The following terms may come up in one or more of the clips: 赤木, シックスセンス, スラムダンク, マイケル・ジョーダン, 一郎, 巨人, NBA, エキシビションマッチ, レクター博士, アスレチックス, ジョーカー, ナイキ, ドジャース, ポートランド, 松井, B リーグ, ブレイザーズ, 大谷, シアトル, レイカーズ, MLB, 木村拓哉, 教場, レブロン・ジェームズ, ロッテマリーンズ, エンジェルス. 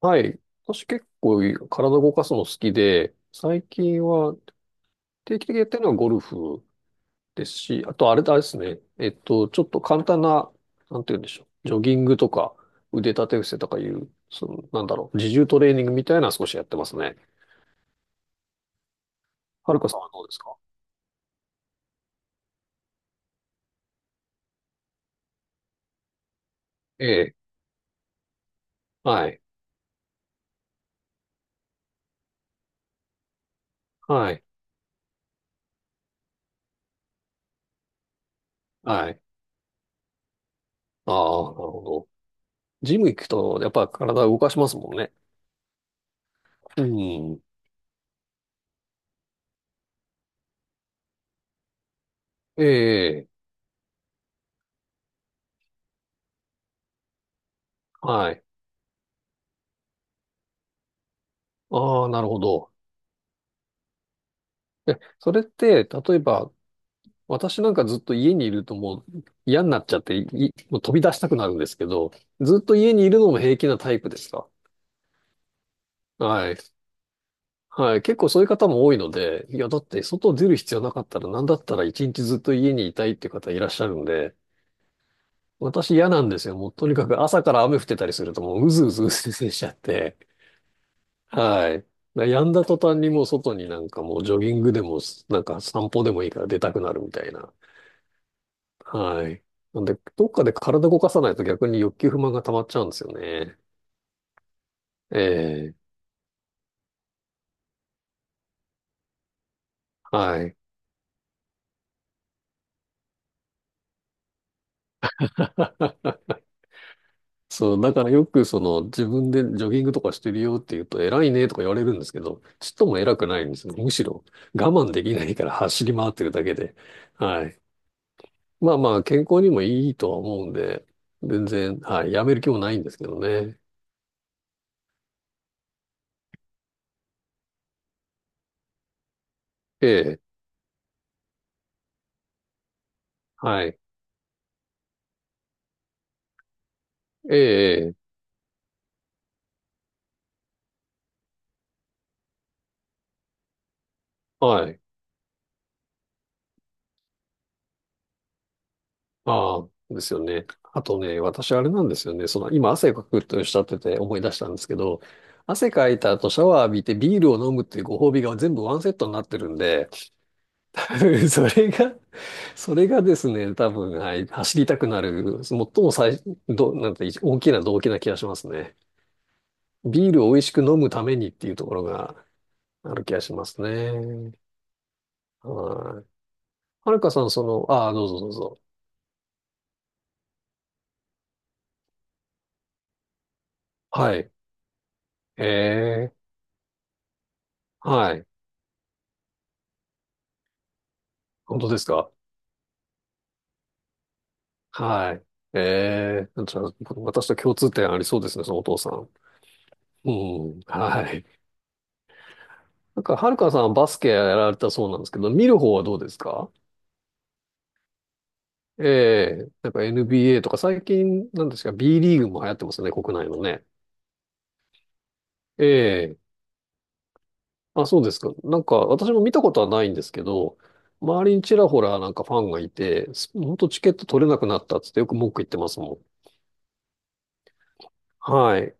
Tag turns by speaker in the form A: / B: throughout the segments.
A: はい。私結構体動かすの好きで、最近は定期的にやってるのはゴルフですし、あとあれだですね。ちょっと簡単な、なんて言うんでしょう。ジョギングとか腕立て伏せとかいう、自重トレーニングみたいなのは少しやってますね。はるかさんはどうですか？ええ。はい。はい。はい。ああ、なるほど。ジム行くと、やっぱ体動かしますもんね。うん。ええ。はい。ああ、なるほど。え、それって、例えば、私なんかずっと家にいるともう嫌になっちゃって、もう飛び出したくなるんですけど、ずっと家にいるのも平気なタイプですか？はい。はい。結構そういう方も多いので、いや、だって外出る必要なかったら、なんだったら一日ずっと家にいたいっていう方いらっしゃるんで、私嫌なんですよ。もうとにかく朝から雨降ってたりするともううずうずうずうずしちゃって、はい。やんだ途端にもう外になんかもうジョギングでも、なんか散歩でもいいから出たくなるみたいな。はい。なんで、どっかで体動かさないと逆に欲求不満が溜まっちゃうんですよね。ええ、はい。そう、だからよくその自分でジョギングとかしてるよって言うと偉いねとか言われるんですけど、ちっとも偉くないんですよ。むしろ我慢できないから走り回ってるだけで。はい。まあまあ健康にもいいとは思うんで、全然、はい、やめる気もないんですけどね。ええ、はい。ええ、ええはい。ああ、ですよね。あとね、私あれなんですよね。今汗かくとおっしゃってて思い出したんですけど、汗かいた後シャワー浴びてビールを飲むっていうご褒美が全部ワンセットになってるんで、多分それが、それがですね、多分、はい、走りたくなる、最も最、ど、なんて、大きな動機な気がしますね。ビールを美味しく飲むためにっていうところがある気がしますね。はい。はるかさん、ああ、どうぞどうぞ。はい。ええ、はい。本当ですか？はい。ええじゃあ、私と共通点ありそうですね、そのお父さん。うん、はい。なんか、はるかさんバスケやられたそうなんですけど、見る方はどうですか？ええなんか NBA とか最近、なんですか、Bリーグも流行ってますね、国内のね。ええあ、そうですか。なんか、私も見たことはないんですけど、周りにちらほらなんかファンがいて、ほんとチケット取れなくなったっつってよく文句言ってますもん。はい。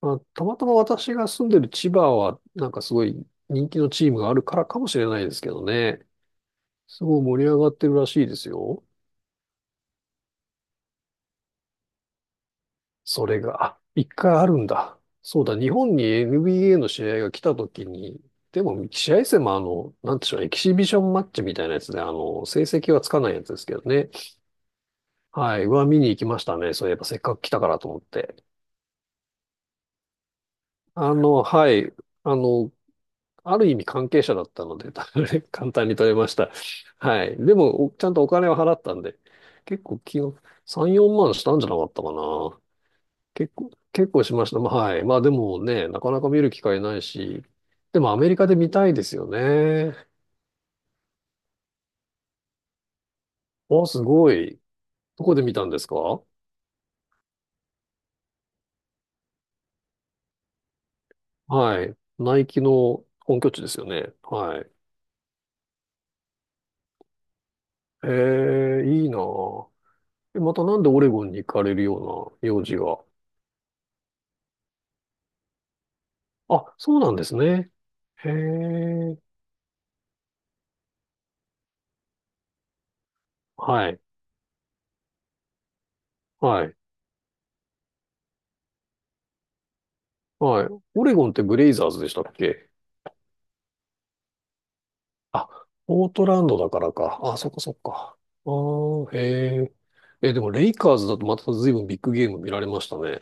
A: まあ、たまたま私が住んでる千葉は、なんかすごい人気のチームがあるからかもしれないですけどね。すごい盛り上がってるらしいですよ。それが、あ、一回あるんだ。そうだ、日本に NBA の試合が来た時に、でも試合戦もなんでしょうね、エキシビションマッチみたいなやつで、成績はつかないやつですけどね。はい、うわ、見に行きましたね。そういえばせっかく来たからと思って。あの、はい、あの、ある意味関係者だったので、簡単に取れました。はい。でも、ちゃんとお金を払ったんで、結構気が、3、4万したんじゃなかったかな。結構、結構しました。まあ、はい。まあでもね、なかなか見る機会ないし、でもアメリカで見たいですよね。お、すごい。どこで見たんですか？はい。ナイキの本拠地ですよね。はい。ええ、いいなぁ。えまたなんでオレゴンに行かれるような用事が。あ、そうなんですね。へえ。はい。はい。はい。オレゴンってブレイザーズでしたっけ？あ、ポートランドだからか。あ、そっかそっか。ああ、へえ。え、でもレイカーズだとまた随分ビッグゲーム見られましたね。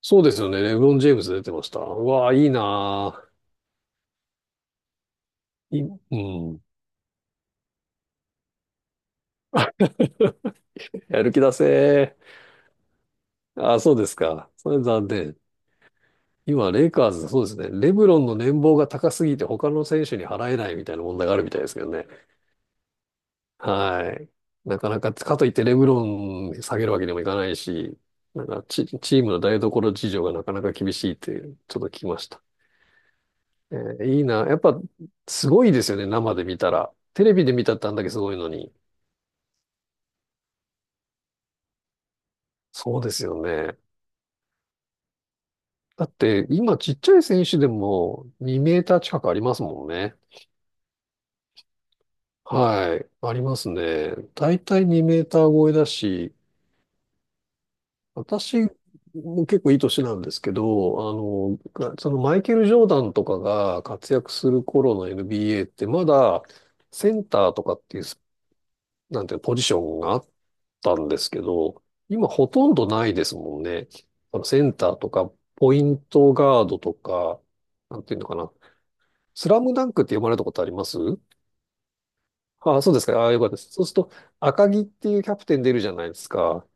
A: そうですよね。レブロン・ジェームズ出てました。うわあ、いいなーい、うん。やる気出せー。あ、そうですか。それ残念。今、レイカーズ、そうですね。レブロンの年俸が高すぎて他の選手に払えないみたいな問題があるみたいですけどね。はい。なかなか、かといってレブロン下げるわけにもいかないし、チームの台所事情がなかなか厳しいっていう、ちょっと聞きました。えーいいな。やっぱ、すごいですよね、生で見たら。テレビで見たってあんだけすごいのに。そうですよね。だって、今ちっちゃい選手でも2メーター近くありますもんね。はい。ありますね。だいたい2メーター超えだし、私も結構いい年なんですけど、そのマイケル・ジョーダンとかが活躍する頃の NBA ってまだセンターとかっていうなんていうのポジションがあったんですけど、今ほとんどないですもんね。あのセンターとか、ポイントガードとか、なんていうのかな。スラムダンクって読まれたことあります？ああ、そうですか。ああ、よかったです。そうすると、赤木っていうキャプテン出るじゃないですか。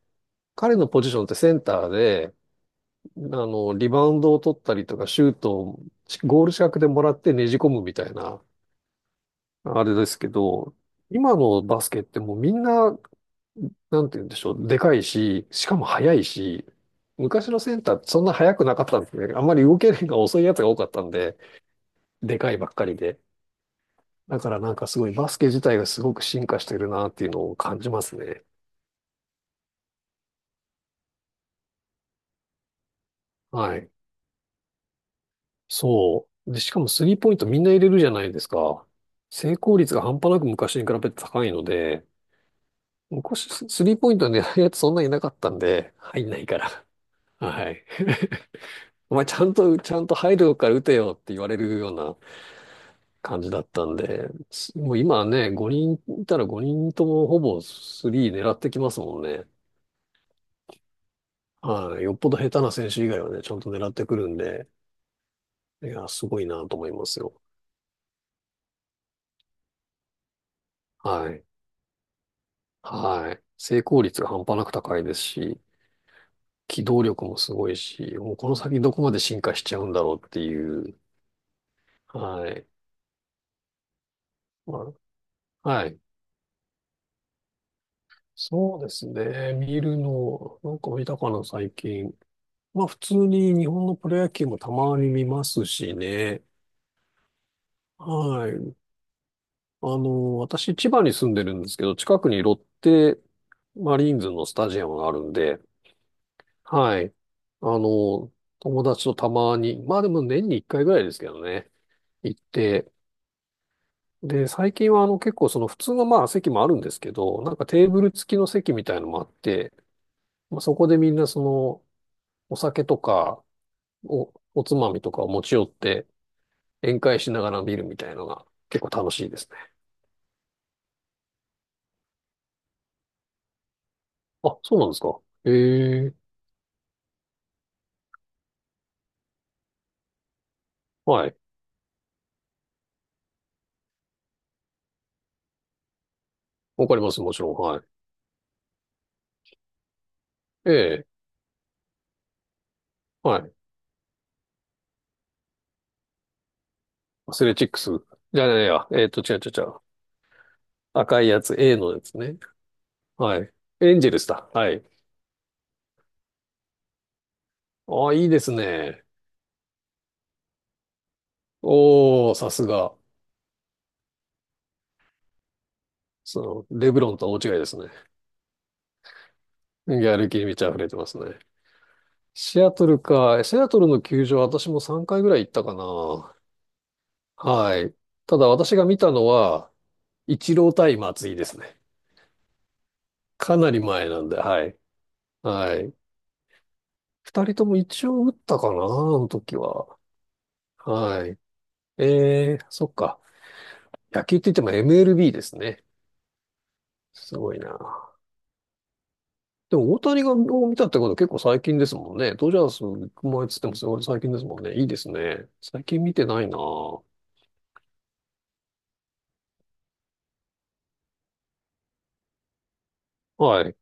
A: 彼のポジションってセンターで、リバウンドを取ったりとか、シュートをゴール近くでもらってねじ込むみたいな、あれですけど、今のバスケってもうみんな、なんて言うんでしょう、でかいし、しかも速いし、昔のセンターってそんな速くなかったんですね。あんまり動けるのが遅いやつが多かったんで、でかいばっかりで。だからなんかすごいバスケ自体がすごく進化してるなっていうのを感じますね。はい。そう。で、しかもスリーポイントみんな入れるじゃないですか。成功率が半端なく昔に比べて高いので、昔、スリーポイントの狙うやつそんなにいなかったんで、入んないから。はい。お前ちゃんと、ちゃんと入るから打てよって言われるような感じだったんで、もう今はね、5人いたら5人ともほぼスリー狙ってきますもんね。はい。よっぽど下手な選手以外はね、ちゃんと狙ってくるんで、いや、すごいなと思いますよ。はい。はい。成功率が半端なく高いですし、機動力もすごいし、もうこの先どこまで進化しちゃうんだろうっていう、はい。まあはい。そうですね。見るの、なんか見たかな、最近。まあ普通に日本のプロ野球もたまに見ますしね。はい。あの、私千葉に住んでるんですけど、近くにロッテマリーンズのスタジアムがあるんで、はい。あの、友達とたまに、まあでも年に1回ぐらいですけどね、行って、で、最近はあの結構その普通のまあ席もあるんですけど、なんかテーブル付きの席みたいのもあって、まあ、そこでみんなそのお酒とか、おつまみとかを持ち寄って宴会しながら見るみたいなのが結構楽しいですね。あ、そうなんですか。ええ、はい。わかります、もちろん。はい。ええ、はい。アスレチックス。じゃあ、いや、違う違う違う。赤いやつ、A のやつね。はい。エンジェルスだ。はい。あ、いいですね。おー、さすが。その、レブロンとは大違いですね。やる気に満ち溢れてますね。シアトルか。シアトルの球場、私も3回ぐらい行ったかな。はい。ただ私が見たのは、一郎対松井ですね。かなり前なんで、はい。はい。二人とも一応打ったかな、あの時は。はい。えー、そっか。野球って言っても MLB ですね。すごいな。でも大谷がを見たってことは結構最近ですもんね。ドジャース行く前っつってもすごい最近ですもんね。いいですね。最近見てないな。はい。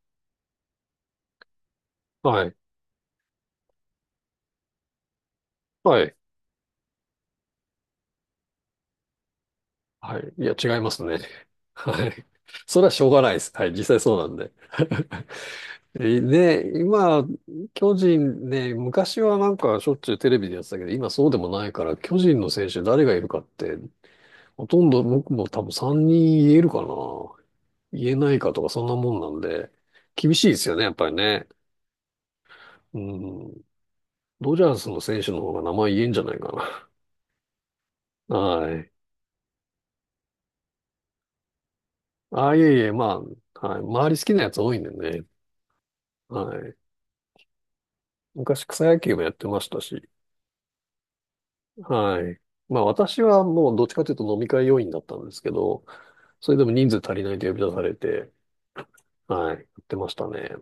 A: はい。はい。はい。いや、違いますね。はい。それはしょうがないです。はい。実際そうなんで。えで、今、巨人ね、昔はなんかしょっちゅうテレビでやってたけど、今そうでもないから、巨人の選手誰がいるかって、ほとんど僕も多分3人言えるかな。言えないかとか、そんなもんなんで、厳しいですよね、やっぱりね。うん。ドジャースの選手の方が名前言えんじゃないかな。はい。ああ、いえいえ、まあ、はい。周り好きなやつ多いんでね。はい。昔草野球もやってましたし。はい。まあ私はもうどっちかというと飲み会要員だったんですけど、それでも人数足りないと呼び出されて、はい、やってましたね。